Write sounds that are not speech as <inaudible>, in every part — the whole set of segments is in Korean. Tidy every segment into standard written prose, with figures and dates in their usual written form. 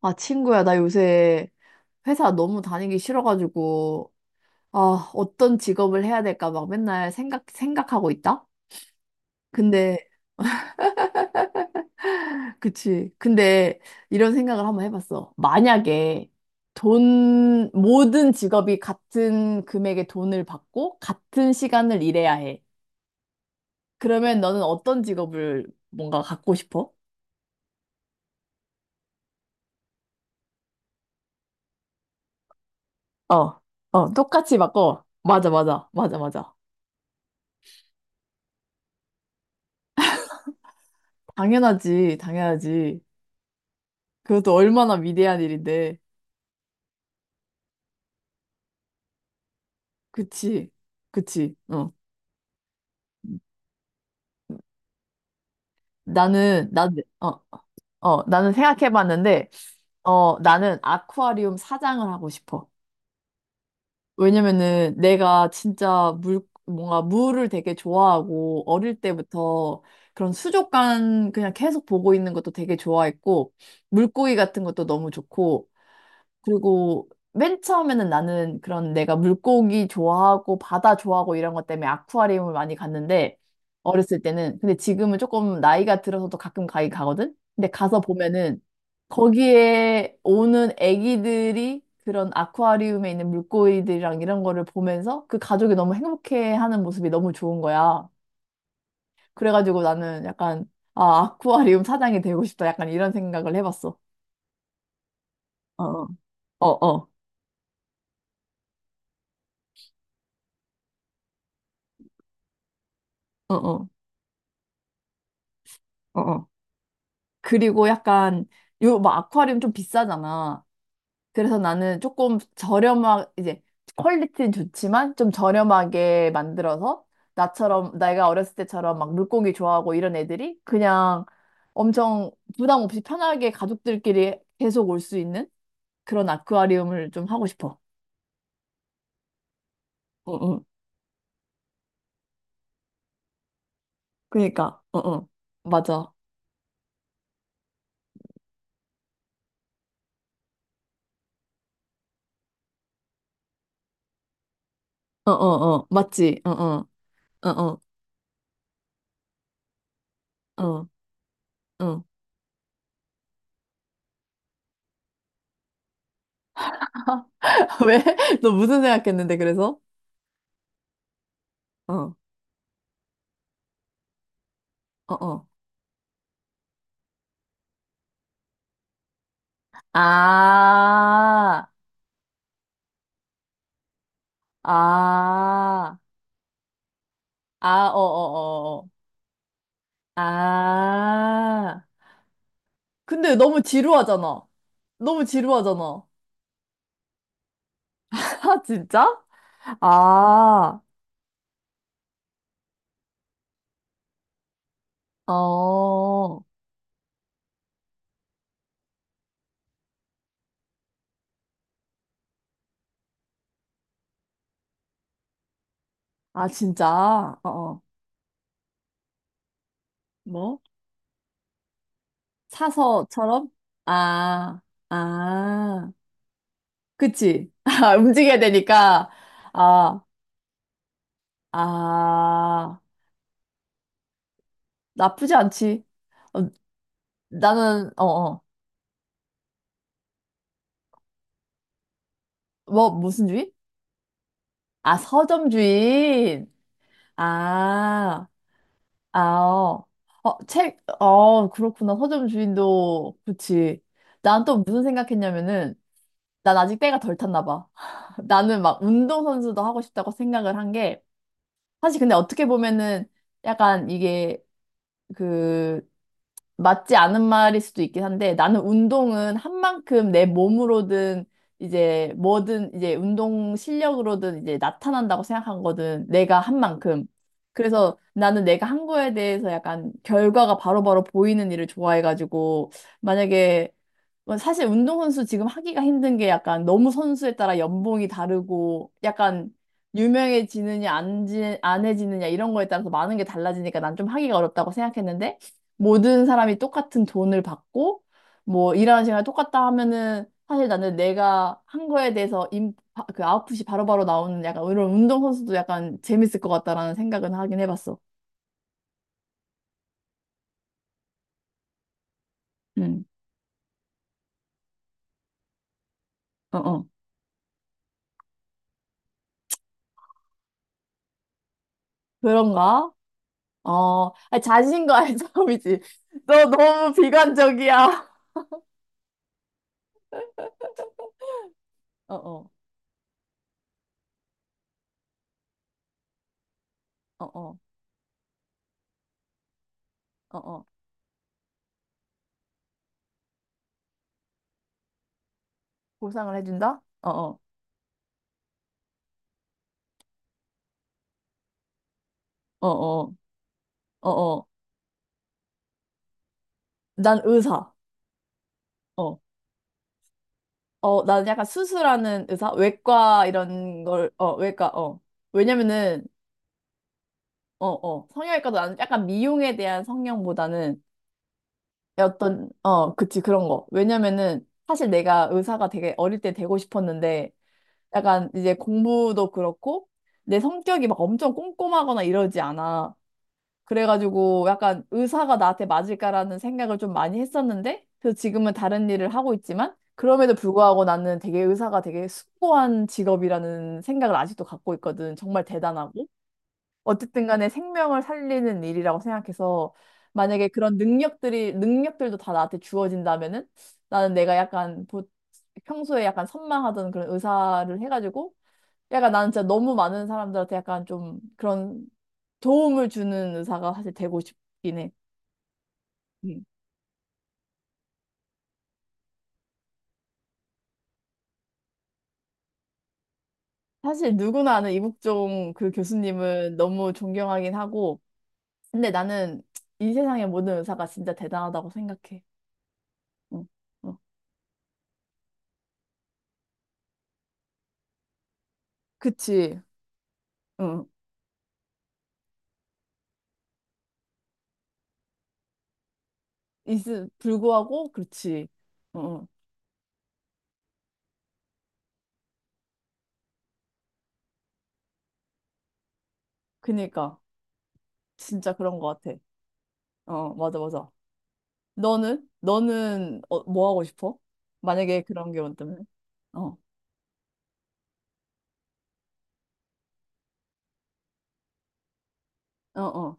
아, 친구야, 나 요새 회사 너무 다니기 싫어가지고, 어떤 직업을 해야 될까 막 맨날 생각하고 있다? 근데, 그치. 근데 이런 생각을 한번 해봤어. 만약에 돈, 모든 직업이 같은 금액의 돈을 받고 같은 시간을 일해야 해. 그러면 너는 어떤 직업을 뭔가 갖고 싶어? 어, 똑같이 바꿔. 맞아, 맞아, 맞아, 맞아. 당연하지, 당연하지. 그것도 얼마나 위대한 일인데. 그치, 그치, 어. 나는, 나, 어, 나는 생각해봤는데, 나는 아쿠아리움 사장을 하고 싶어. 왜냐면은 내가 진짜 뭔가 물을 되게 좋아하고, 어릴 때부터 그런 수족관 그냥 계속 보고 있는 것도 되게 좋아했고, 물고기 같은 것도 너무 좋고, 그리고 맨 처음에는 나는 그런 내가 물고기 좋아하고 바다 좋아하고 이런 것 때문에 아쿠아리움을 많이 갔는데 어렸을 때는. 근데 지금은 조금 나이가 들어서도 가끔 가긴 가거든. 근데 가서 보면은 거기에 오는 애기들이 그런 아쿠아리움에 있는 물고기들이랑 이런 거를 보면서 그 가족이 너무 행복해하는 모습이 너무 좋은 거야. 그래가지고 나는 약간 아 아쿠아리움 사장이 되고 싶다 약간 이런 생각을 해봤어. 어, 어, 어, 어, 어, 어, 어. 그리고 약간 요 막 아쿠아리움 좀 비싸잖아. 그래서 나는 조금 저렴한 이제 퀄리티는 좋지만 좀 저렴하게 만들어서 나처럼 내가 어렸을 때처럼 막 물고기 좋아하고 이런 애들이 그냥 엄청 부담 없이 편하게 가족들끼리 계속 올 수 있는 그런 아쿠아리움을 좀 하고 싶어. 응, 응. 그니까, 응, 응. 맞아. 응, 응, 응. 맞지? 응, 응. 응, 응. 응, 응. <laughs> 왜? <laughs> 너 무슨 생각했는데, 그래서? 어. 어, 어. 아, 아, 아, 어, 어, 어, 어. 아. 근데 너무 지루하잖아. 너무 지루하잖아. <laughs> 아, 진짜? 아, 어, 아, 진짜? 어, 어. 뭐? 사서처럼? 아, 아. 그치? <laughs> 아, 움직여야 되니까. 아, 아. 나쁘지 않지. 어, 나는, 어, 어. 뭐, 무슨 주의? 아, 서점 주인. 아, 아, 어, 어, 책, 어, 그렇구나. 서점 주인도, 그치. 난 또 무슨 생각했냐면은, 난 아직 때가 덜 탔나 봐. <laughs> 나는 막 운동선수도 하고 싶다고 생각을 한 게, 사실 근데 어떻게 보면은, 약간 이게, 그, 맞지 않은 말일 수도 있긴 한데 나는 운동은 한 만큼 내 몸으로든 이제 뭐든 이제 운동 실력으로든 이제 나타난다고 생각한거든 내가 한 만큼. 그래서 나는 내가 한 거에 대해서 약간 결과가 바로바로 보이는 일을 좋아해가지고, 만약에 뭐 사실 운동선수 지금 하기가 힘든 게 약간 너무 선수에 따라 연봉이 다르고 약간 유명해지느냐 안 해지느냐 이런 거에 따라서 많은 게 달라지니까 난 좀 하기가 어렵다고 생각했는데, 모든 사람이 똑같은 돈을 받고 뭐 일하는 시간이 똑같다 하면은 사실 나는 내가 한 거에 대해서 그 아웃풋이 바로바로 나오는 약간 이런 운동선수도 약간 재밌을 것 같다라는 생각은 하긴 해봤어. 음, 어, 어. 그런가? 어, 아니, 자신과의 <laughs> 싸움이지. 너 너무 비관적이야. 어, 어, 어, 어, 어, 어. 보상을 해준다? 어, 어, 어, 어, 어, 어. 난 의사. 어. 어, 나는 약간 수술하는 의사, 외과 이런 걸, 어, 외과, 어. 왜냐면은, 어, 어, 성형외과도 나는 약간 미용에 대한 성형보다는 어떤, 어, 그치, 그런 거. 왜냐면은, 사실 내가 의사가 되게 어릴 때 되고 싶었는데, 약간 이제 공부도 그렇고, 내 성격이 막 엄청 꼼꼼하거나 이러지 않아. 그래가지고 약간 의사가 나한테 맞을까라는 생각을 좀 많이 했었는데, 그래서 지금은 다른 일을 하고 있지만, 그럼에도 불구하고 나는 되게 의사가 되게 숭고한 직업이라는 생각을 아직도 갖고 있거든. 정말 대단하고. 어쨌든 간에 생명을 살리는 일이라고 생각해서, 만약에 그런 능력들도 다 나한테 주어진다면은, 나는 내가 약간 평소에 약간 선망하던 그런 의사를 해가지고, 약간 나는 진짜 너무 많은 사람들한테 약간 좀 그런 도움을 주는 의사가 사실 되고 싶긴 해. 음. 사실 누구나 아는 이국종 그 교수님은 너무 존경하긴 하고, 근데 나는 이 세상의 모든 의사가 진짜 대단하다고 생각해. 응, 어, 그치. 응. 있음 불구하고, 그렇지. 응, 응. 그니까. 진짜 그런 것 같아. 어, 맞아, 맞아. 너는? 뭐 하고 싶어? 만약에 그런 게 온다면? 어, 어, 어.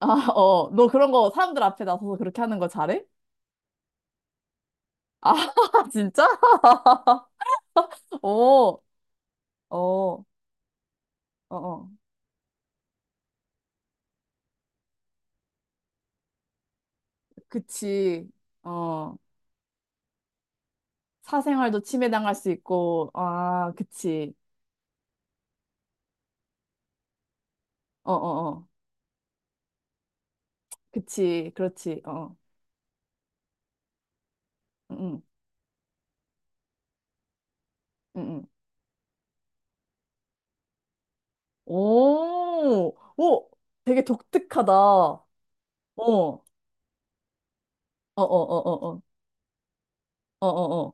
아, 어, 너 그런 거 사람들 앞에 나서서 그렇게 하는 거 잘해? 아, <laughs> 진짜? <laughs> 어, 어, 어, 어, 그치. 어, 사생활도 침해당할 수 있고, 아, 그치. 어, 어, 어, 그치. 그렇지. 어, 응, 응, 응. 응. 오, 오, 되게 독특하다. 어, 어, 어, 어, 어, 어, 어, 어, 어,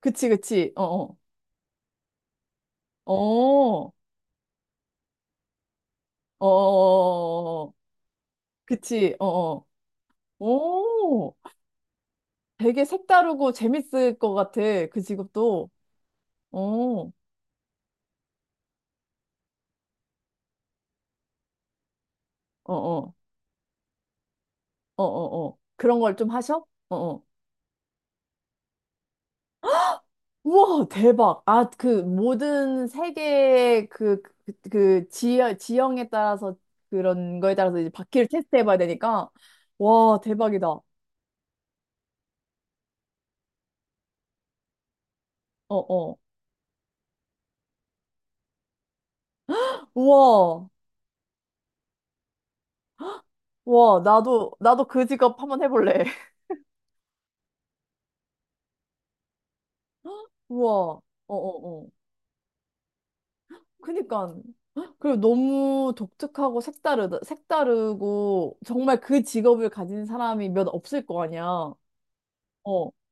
그치, 그치. 어, 어, 어, 어, 어, 어, 어, 어, 어. 그치. 어, 어. 오. 되게 색다르고 재밌을 것 같아. 그 직업도. 어, 어, 어, 어, 어, 어. 그런 걸 좀 하셔? 어, 어. 우와, 대박. 아, 그 모든 세계의 그, 그, 그 지형, 지형에 따라서 그런 거에 따라서 이제 바퀴를 테스트해 봐야 되니까. 와, 대박이다. 어, 어. 우와. 우와, 나도 그 직업 한번 해볼래. <laughs> 우와. 어, 어, 어. 그니까. 그리고 너무 독특하고 색다르고 정말 그 직업을 가진 사람이 몇 없을 거 아니야. 어.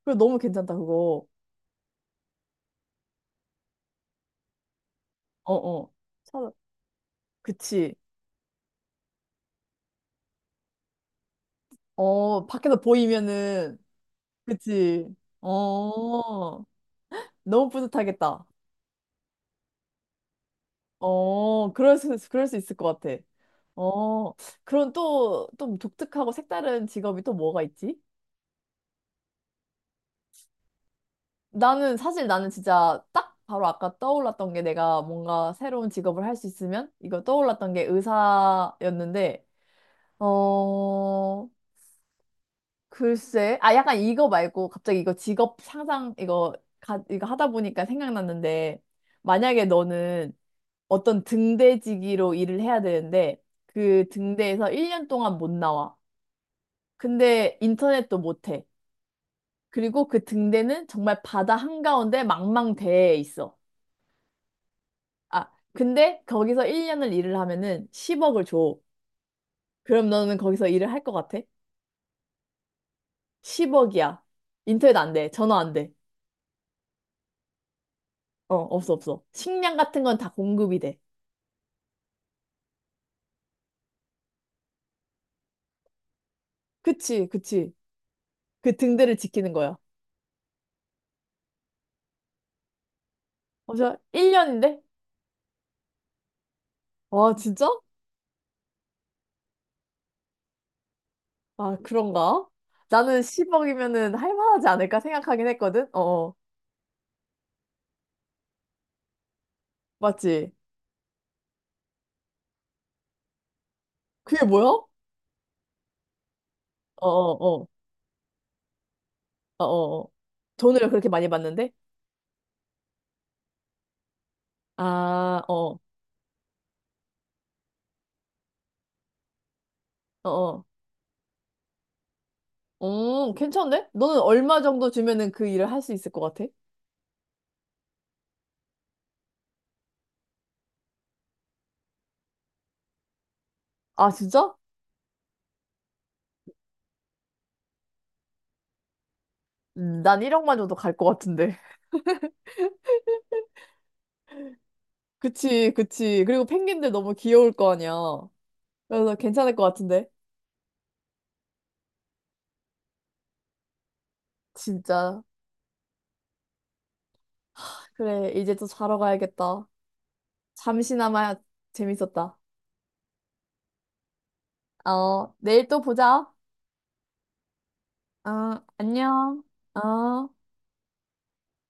그리고 너무 괜찮다, 그거. 어, 어. 찾아. 그치. 어, 밖에서 보이면은. 그치. 어. 너무 뿌듯하겠다. 어, 그럴 수 있을 것 같아. 어. 그럼 또, 또 독특하고 색다른 직업이 또 뭐가 있지? 나는 진짜 딱 바로 아까 떠올랐던 게 내가 뭔가 새로운 직업을 할 수 있으면 이거 떠올랐던 게 의사였는데. 어, 글쎄, 아 약간 이거 말고 갑자기 이거 직업 상상 이거 하다 보니까 생각났는데, 만약에 너는 어떤 등대지기로 일을 해야 되는데 그 등대에서 1년 동안 못 나와. 근데 인터넷도 못 해. 그리고 그 등대는 정말 바다 한가운데 망망대해 있어. 아, 근데 거기서 1년을 일을 하면은 10억을 줘. 그럼 너는 거기서 일을 할 것 같아? 10억이야. 인터넷 안 돼. 전화 안 돼. 어, 없어, 없어. 식량 같은 건 다 공급이 돼. 그치, 그치. 그 등대를 지키는 거야. 어래일 1년인데? 와, 진짜? 아, 그런가? 나는 10억이면은 할만하지 않을까 생각하긴 했거든? 어, 어. 맞지? 그게 뭐야? 어, 어, 어, 어, 어. 어. 돈을 그렇게 많이 받는데? 아, 어, 어, 어. 괜찮네? 너는 얼마 정도 주면은 그 일을 할 수 있을 것 같아? 아, 진짜? 난 1억만 줘도 갈 것 같은데. <laughs> 그치, 그치. 그리고 펭귄들 너무 귀여울 거 아니야. 그래서 괜찮을 것 같은데. 진짜. 그래, 이제 또 자러 가야겠다. 잠시나마 재밌었다. 어, 내일 또 보자. 어, 안녕. 어.